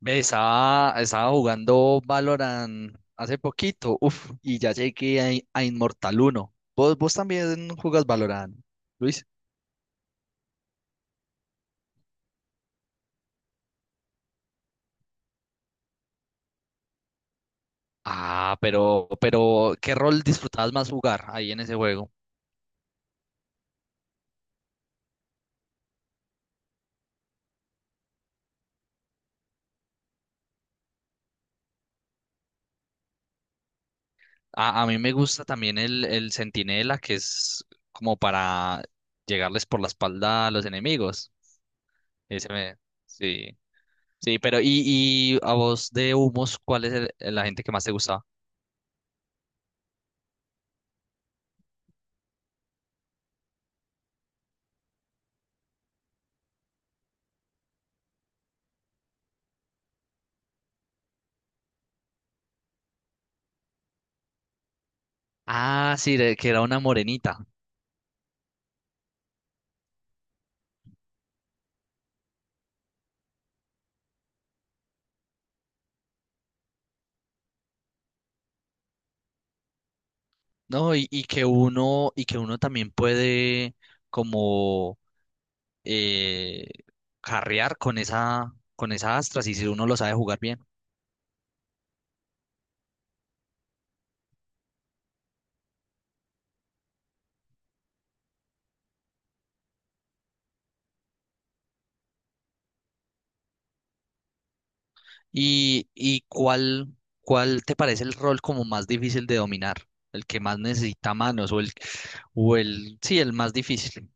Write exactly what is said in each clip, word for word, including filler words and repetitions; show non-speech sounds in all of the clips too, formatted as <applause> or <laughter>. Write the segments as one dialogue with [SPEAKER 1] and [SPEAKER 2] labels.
[SPEAKER 1] Ve, estaba, estaba jugando Valorant hace poquito, uf, y ya llegué a, In- a Inmortal Uno. ¿Vos, vos también jugas Valorant, Luis? Ah, pero, pero, ¿qué rol disfrutabas más jugar ahí en ese juego? A, a mí me gusta también el, el Centinela, que es como para llegarles por la espalda a los enemigos. Ese me- sí, sí, pero, y, y a vos de humos, ¿cuál es el- la gente que más te gustaba? Ah, sí, de- que era una morenita. No, y, y que uno, y que uno también puede como eh, carrear con esa, con esa astras y si uno lo sabe jugar bien. ¿Y, y cuál, cuál te parece el rol como más difícil de dominar? El que más necesita manos, o el, o el, sí, el más difícil.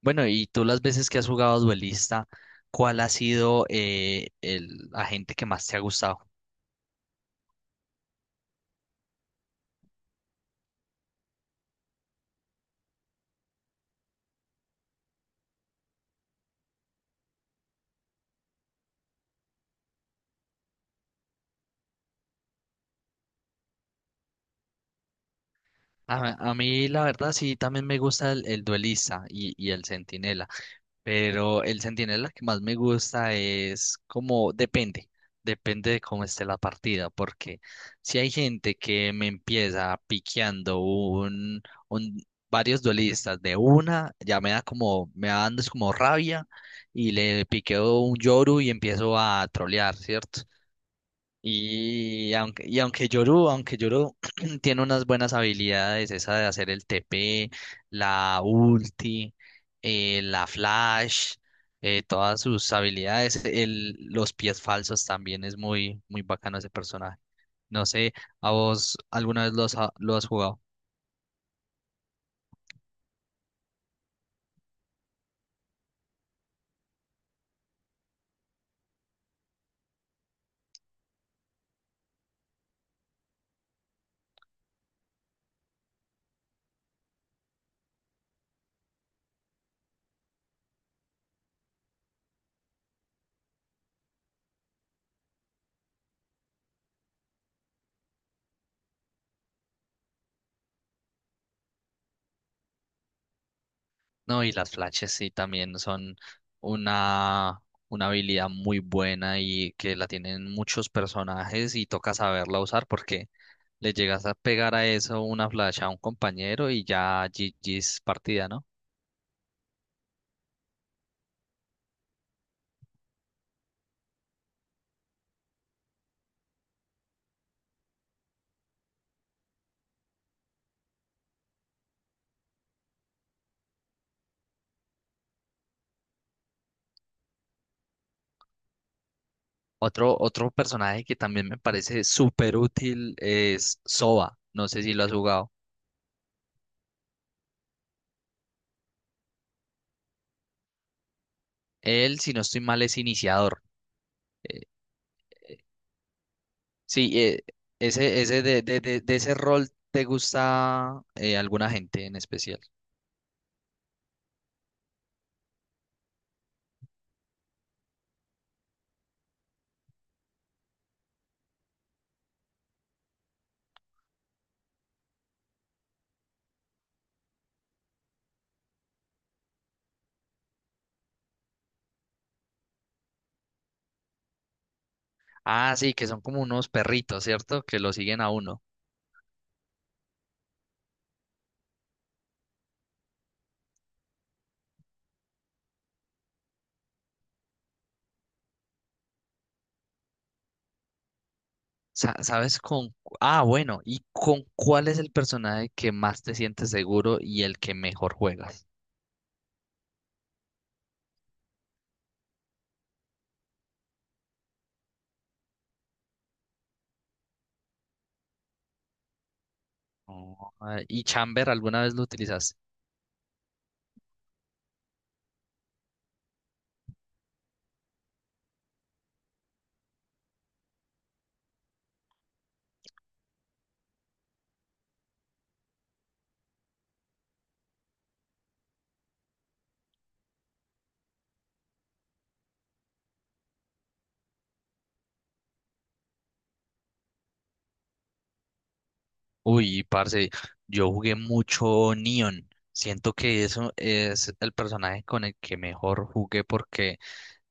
[SPEAKER 1] Bueno, y tú las veces que has jugado duelista, ¿cuál ha sido eh, el agente que más te ha gustado? A, a mí la verdad sí también me gusta el, el duelista y, y el centinela, pero el centinela que más me gusta es como depende, depende de cómo esté la partida, porque si hay gente que me empieza piqueando un, un varios duelistas de una, ya me da como, me va dando es como rabia y le piqueo un Yoru y empiezo a trolear, ¿cierto? Y aunque, y aunque Yoru, aunque Yoru <clears throat> tiene unas buenas habilidades, esa de hacer el T P, la ulti, eh, la flash, eh, todas sus habilidades, el, los pies falsos también es muy, muy bacano ese personaje. No sé, ¿a vos alguna vez lo has, lo has jugado? No, y las flashes sí también son una, una habilidad muy buena y que la tienen muchos personajes y toca saberla usar porque le llegas a pegar a eso una flash a un compañero y ya G G's partida, ¿no? Otro, otro personaje que también me parece súper útil es Sova. No sé si lo has jugado. Él, si no estoy mal, es iniciador. Eh, sí, eh, ese, ese de, de, de, de ese rol te gusta eh, alguna gente en especial. Ah, sí, que son como unos perritos, ¿cierto? Que lo siguen a uno. Sa- ¿Sabes con... cu- Ah, bueno, ¿y con cuál es el personaje que más te sientes seguro y el que mejor juegas? Oh, ah, ¿y Chamber alguna vez lo utilizaste? Uy, parce, yo jugué mucho Neon. Siento que eso es el personaje con el que mejor jugué porque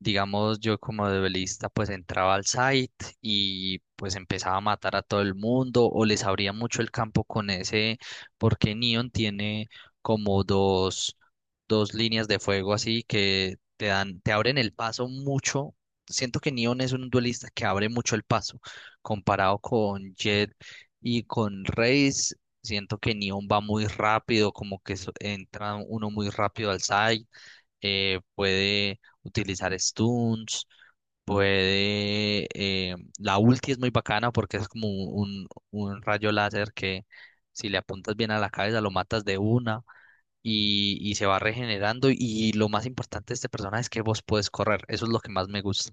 [SPEAKER 1] digamos, yo como duelista pues entraba al site y pues empezaba a matar a todo el mundo o les abría mucho el campo con ese, porque Neon tiene como dos, dos líneas de fuego así que te dan, te abren el paso mucho. Siento que Neon es un duelista que abre mucho el paso comparado con Jett y con Raze. Siento que Neon va muy rápido, como que so- entra uno muy rápido al site, eh, puede utilizar stunts, puede... eh, la ulti es muy bacana porque es como un, un rayo láser que si le apuntas bien a la cabeza lo matas de una y, y se va regenerando y lo más importante de este personaje es que vos puedes correr, eso es lo que más me gusta.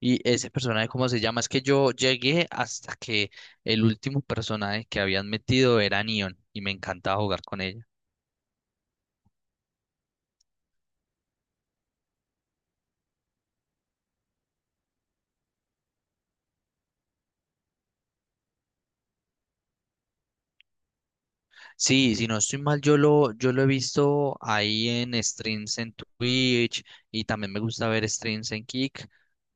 [SPEAKER 1] Y ese personaje, ¿cómo se llama? Es que yo llegué hasta que el último personaje que habían metido era Neon y me encantaba jugar con ella. Sí, si no estoy mal, yo lo, yo lo he visto ahí en streams en Twitch y también me gusta ver streams en Kick.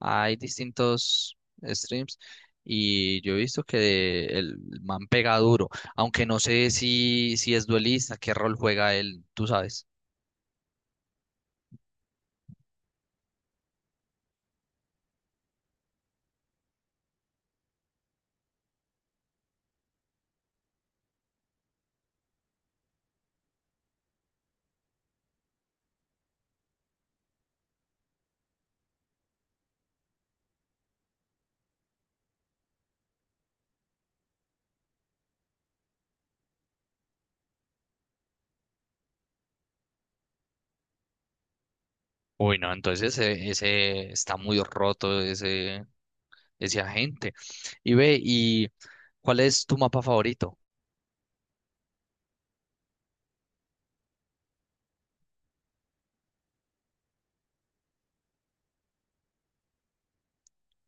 [SPEAKER 1] Hay distintos streams y yo he visto que el man pega duro, aunque no sé si, si es duelista, qué rol juega él, tú sabes. Uy, no, entonces ese, ese está muy roto ese, ese agente. Y ve, ¿y cuál es tu mapa favorito?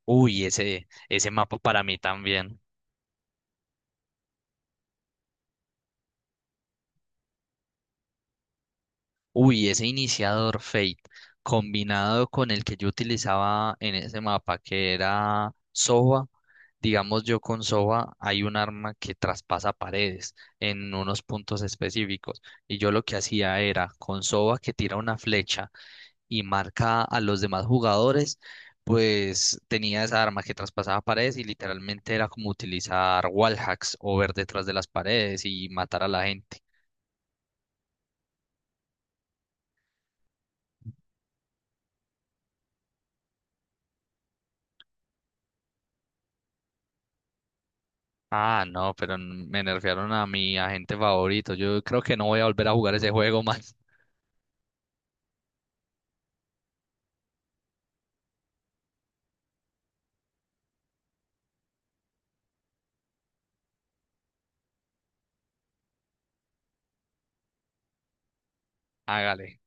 [SPEAKER 1] Uy, ese, ese mapa para mí también. Uy, ese iniciador Fate combinado con el que yo utilizaba en ese mapa que era Sova, digamos yo con Sova hay un arma que traspasa paredes en unos puntos específicos y yo lo que hacía era con Sova que tira una flecha y marca a los demás jugadores, pues tenía esa arma que traspasaba paredes y literalmente era como utilizar wallhacks o ver detrás de las paredes y matar a la gente. Ah, no, pero n- me nerfearon a mi agente favorito. Yo creo que no voy a volver a jugar ese juego más. Hágale.